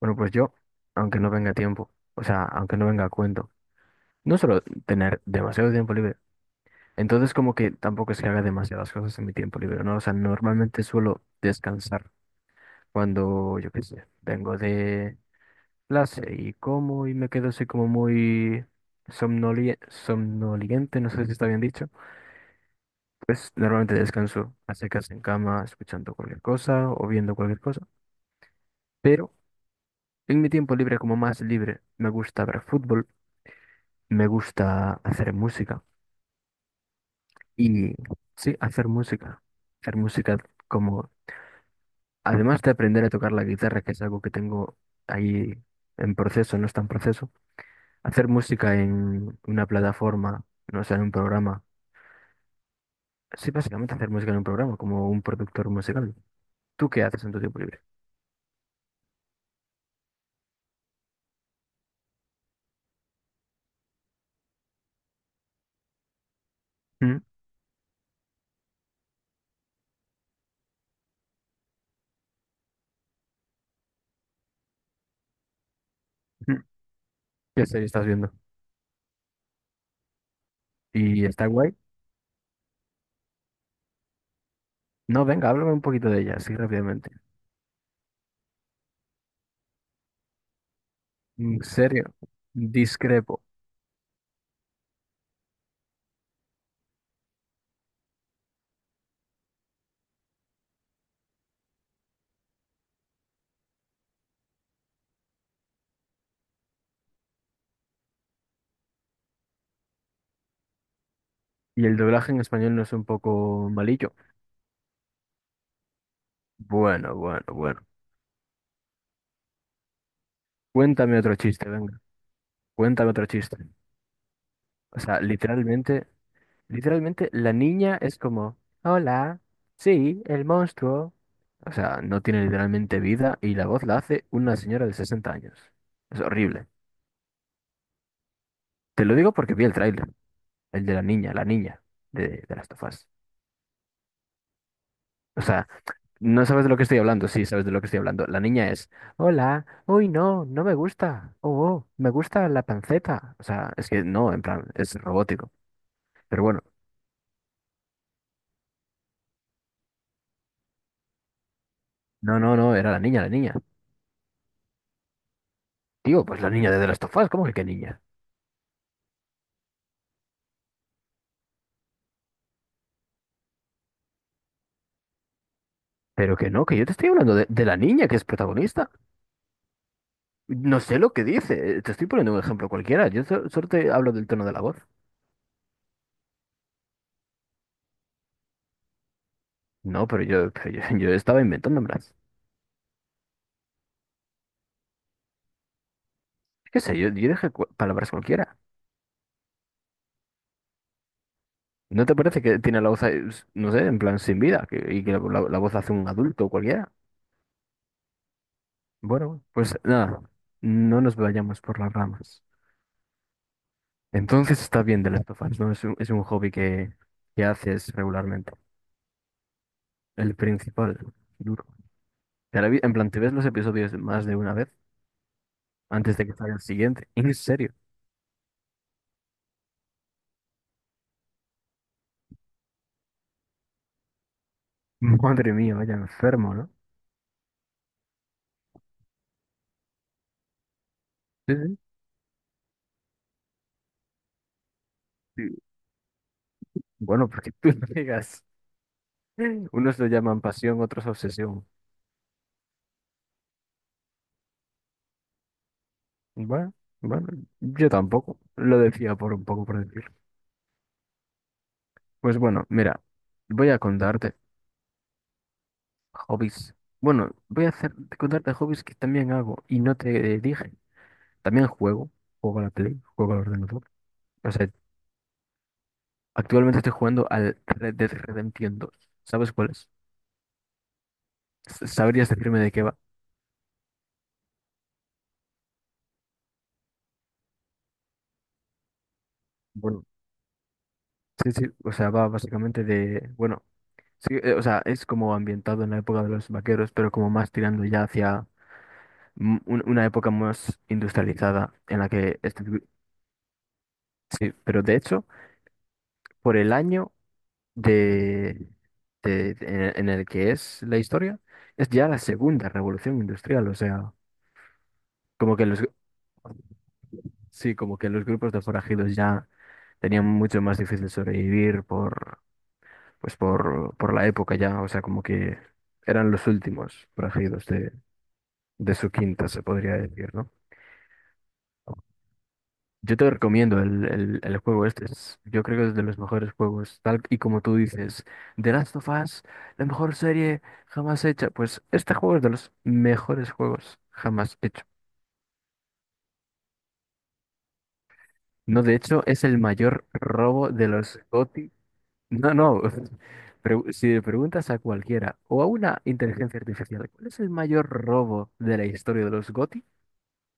Bueno, pues yo, aunque no venga tiempo, o sea, aunque no venga a cuento, no suelo tener demasiado tiempo libre. Entonces, como que tampoco es que haga demasiadas cosas en mi tiempo libre, ¿no? O sea, normalmente suelo descansar cuando, yo qué sé, vengo de clase y como y me quedo así como muy somnoliente, no sé si está bien dicho. Pues normalmente descanso a secas en cama, escuchando cualquier cosa o viendo cualquier cosa. Pero en mi tiempo libre, como más libre, me gusta ver fútbol. Me gusta hacer música y sí, hacer música. Hacer música como, además de aprender a tocar la guitarra, que es algo que tengo ahí en proceso, no está en proceso, hacer música en una plataforma, no sé, en un programa. Sí, básicamente hacer música en un programa, como un productor musical. ¿Tú qué haces en tu tiempo libre? ¿Mm? ¿Mm? ¿Qué serie estás viendo? ¿Y está guay? No, venga, háblame un poquito de ella, así rápidamente. En serio, discrepo. ¿Y el doblaje en español no es un poco malillo? Bueno, bueno, bueno. Cuéntame otro chiste, venga. Cuéntame otro chiste. O sea, literalmente, literalmente la niña es como, hola, sí, el monstruo. O sea, no tiene literalmente vida y la voz la hace una señora de 60 años. Es horrible. Te lo digo porque vi el tráiler, el de la niña de Last of Us. O sea, no sabes de lo que estoy hablando, sí, sabes de lo que estoy hablando. La niña es, hola, uy, no, no me gusta. Oh, oh, me gusta la panceta. O sea, es que no, en plan, es robótico. Pero bueno, no, no, no, era la niña, la niña. Digo, pues la niña de The Last of Us, ¿cómo que qué niña? Pero que no, que yo te estoy hablando de la niña que es protagonista. No sé lo que dice, te estoy poniendo un ejemplo cualquiera, yo solo te hablo del tono de la voz. No, pero yo, yo estaba inventándomelas. Qué sé, yo dije palabras cualquiera. ¿No te parece que tiene la voz, ahí, no sé, en plan sin vida, y que la voz hace un adulto cualquiera? Bueno, pues nada, no nos vayamos por las ramas. Entonces está bien de Last of Us, ¿no? Es un hobby que haces regularmente. El principal, duro. En plan, te ves los episodios más de una vez antes de que salga el siguiente. En serio. Madre mía, vaya enfermo, ¿no? Sí, sí, sí. Bueno, porque tú no digas. Unos lo llaman pasión, otros obsesión. Bueno, bueno, yo tampoco. Lo decía por un poco por decir. Pues bueno, mira, voy a contarte hobbies. Bueno, voy a hacer, contarte hobbies que también hago y no te dije. También juego a la Play, juego al ordenador. O sea, actualmente estoy jugando al Red Dead Redemption dos. ¿Sabes cuál es? ¿Sabrías decirme de qué va? Bueno, sí, sí, o sea, va básicamente de, bueno, sí, o sea, es como ambientado en la época de los vaqueros, pero como más tirando ya hacia una época más industrializada en la que, este tipo- sí, pero de hecho, por el año de, en el que es la historia, es ya la segunda revolución industrial, o sea, como que los, sí, como que los grupos de forajidos ya tenían mucho más difícil sobrevivir por la época ya, o sea, como que eran los últimos forajidos de su quinta, se podría decir, ¿no? Yo te recomiendo el juego este, yo creo que es de los mejores juegos, tal y como tú dices, The Last of Us, la mejor serie jamás hecha, pues este juego es de los mejores juegos jamás hecho. No, de hecho, es el mayor robo de los GOTY. No, no. Si le preguntas a cualquiera o a una inteligencia artificial, ¿cuál es el mayor robo de la historia de los GOTY?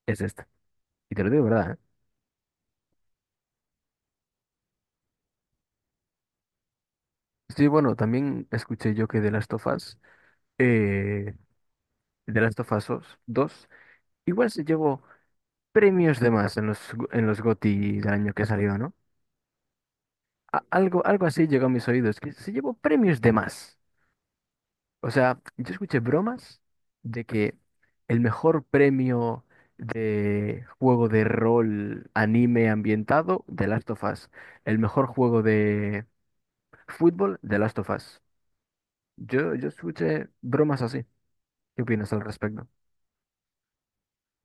Es este. Y te lo digo de verdad, ¿eh? Sí, bueno, también escuché yo que de las of Us, eh, The Last of Us igual se llevó premios de más en los GOTY del año que salió, ¿no? Algo así llegó a mis oídos, que se llevó premios de más. O sea, yo escuché bromas de que el mejor premio de juego de rol anime ambientado, The Last of Us. El mejor juego de fútbol, The Last of Us. Yo escuché bromas así. ¿Qué opinas al respecto?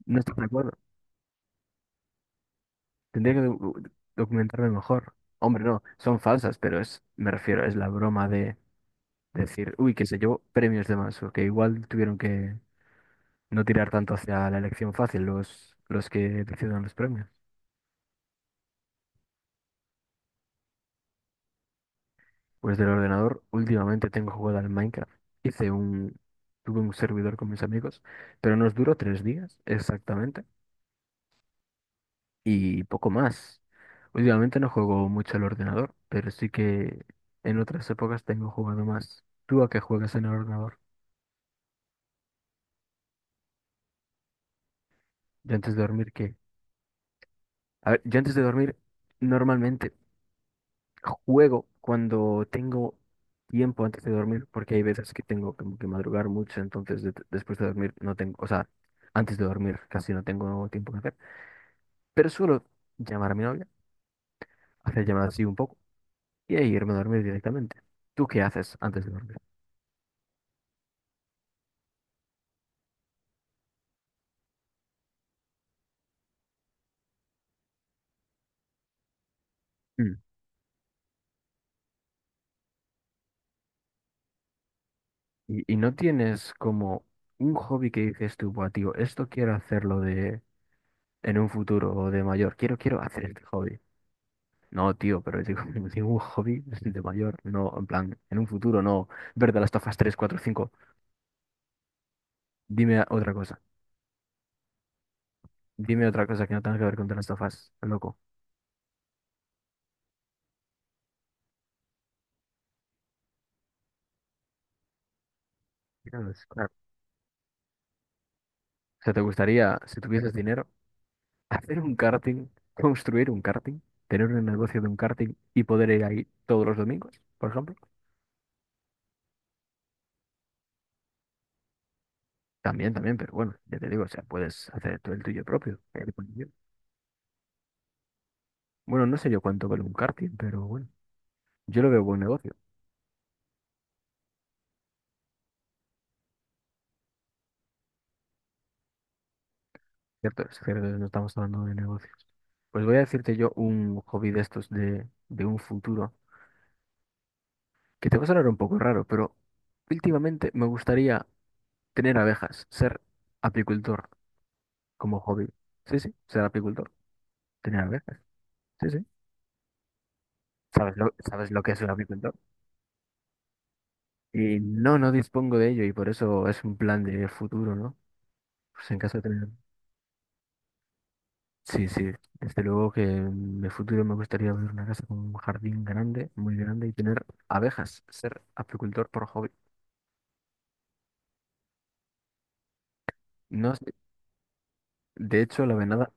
No estoy de acuerdo. Tendría que documentarme mejor. Hombre, no, son falsas, pero es, me refiero, es la broma de decir, uy, que se llevó premios de más, o que igual tuvieron que no tirar tanto hacia la elección fácil, los que deciden los premios. Pues del ordenador, últimamente tengo jugado al Minecraft. Hice un, tuve un servidor con mis amigos, pero nos duró 3 días exactamente y poco más. Últimamente no juego mucho al ordenador, pero sí que en otras épocas tengo jugado más. ¿Tú a qué juegas en el ordenador? Yo antes de dormir, ¿qué? A ver, yo antes de dormir, normalmente juego cuando tengo tiempo antes de dormir, porque hay veces que tengo como que madrugar mucho, entonces después de dormir no tengo, o sea, antes de dormir casi no tengo tiempo que hacer, pero suelo llamar a mi novia, hacer llamadas así un poco y ahí irme a dormir directamente. ¿Tú qué haces antes de dormir? Mm. Y no tienes como un hobby que dices tú, "Buah, tío, esto quiero hacerlo de en un futuro o de mayor, quiero, hacer este hobby. No, tío, pero digo, ningún hobby de mayor, no, en plan, en un futuro, no. Ver de las tofas 3, 4, 5. Dime otra cosa. Dime otra cosa que no tenga que ver con de las tofas, loco. Dios, claro. O sea, ¿te gustaría, si tuvieses dinero, hacer un karting, construir un karting, tener un negocio de un karting y poder ir ahí todos los domingos, por ejemplo? También, también, pero bueno, ya te digo, o sea, puedes hacer tú el tuyo propio. El tuyo. Bueno, no sé yo cuánto vale un karting, pero bueno, yo lo veo buen negocio. Cierto, es cierto, no estamos hablando de negocios. Pues voy a decirte yo un hobby de estos de un futuro, que te va a sonar un poco raro, pero últimamente me gustaría tener abejas, ser apicultor como hobby. Sí, sí, ser apicultor, tener abejas. Sí, sí. ¿Sabes lo que es un apicultor? Y no, no dispongo de ello y por eso es un plan de futuro, ¿no? Pues en caso de tener... Sí, sí, desde luego que en el futuro me gustaría ver una casa con un jardín grande, muy grande y tener abejas, ser apicultor por hobby. No sé, de hecho la venada,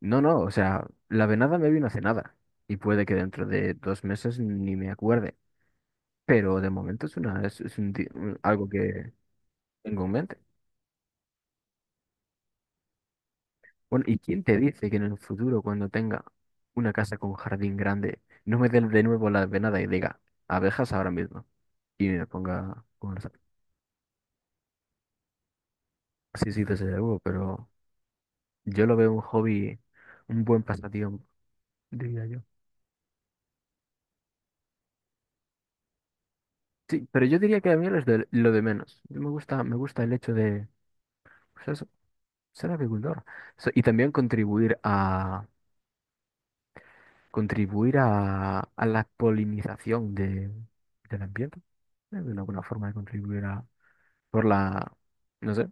no, no, o sea, la venada me vino hace nada y puede que dentro de 2 meses ni me acuerde, pero de momento es algo que tengo en mente. Bueno, ¿y quién te dice que en el futuro cuando tenga una casa con jardín grande no me dé de nuevo la venada y diga abejas ahora mismo y me ponga con los sí, sí, desde luego, pero yo lo veo un hobby, un buen pasatiempo, diría yo. Sí, pero yo diría que a mí lo es lo de menos. Me gusta el hecho de, pues eso, ser agricultor. Y también contribuir a la polinización del ambiente. Es una buena forma de contribuir a, por la, no sé,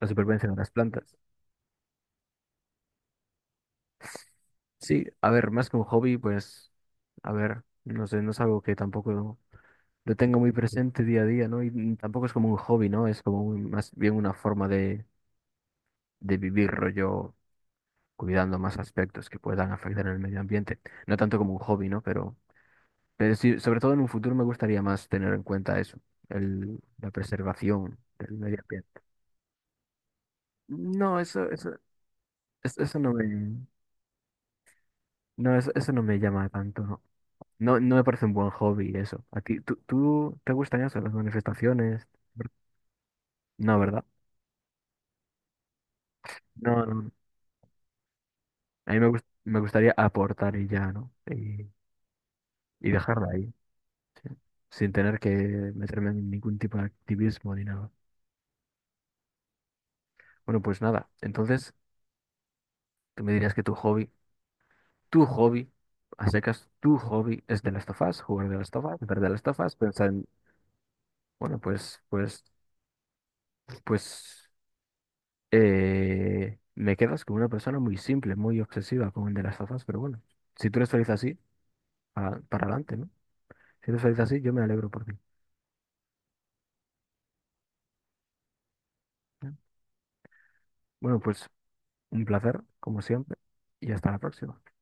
la supervivencia de las plantas. Sí, a ver, más que un hobby, pues, a ver, no sé, no es algo que tampoco lo tengo muy presente día a día, ¿no? Y tampoco es como un hobby, ¿no? Es como más bien una forma de vivir rollo, cuidando más aspectos que puedan afectar el medio ambiente. No tanto como un hobby, ¿no? Pero sí, sobre todo en un futuro me gustaría más tener en cuenta eso, la preservación del medio ambiente. No, eso, eso, no me, no, eso no me llama tanto, ¿no? No, no me parece un buen hobby eso. ¿A ti, tú te gustan eso, las manifestaciones? No, ¿verdad? No, no, no. A mí me gustaría aportar y ya, ¿no? Y dejarla ahí, sin tener que meterme en ningún tipo de activismo ni nada. Bueno, pues nada. Entonces, tú me dirías que tu hobby, a secas, tu hobby es de las tofas, jugar de las tofas, ver de las tofas, pensar en, bueno, pues, me quedas como una persona muy simple, muy obsesiva con el de las tofas, pero bueno, si tú eres feliz así, para, adelante, ¿no? Si eres feliz así, yo me alegro por ti. ¿No? Bueno, pues Un placer, como siempre, y hasta la próxima. Adiós.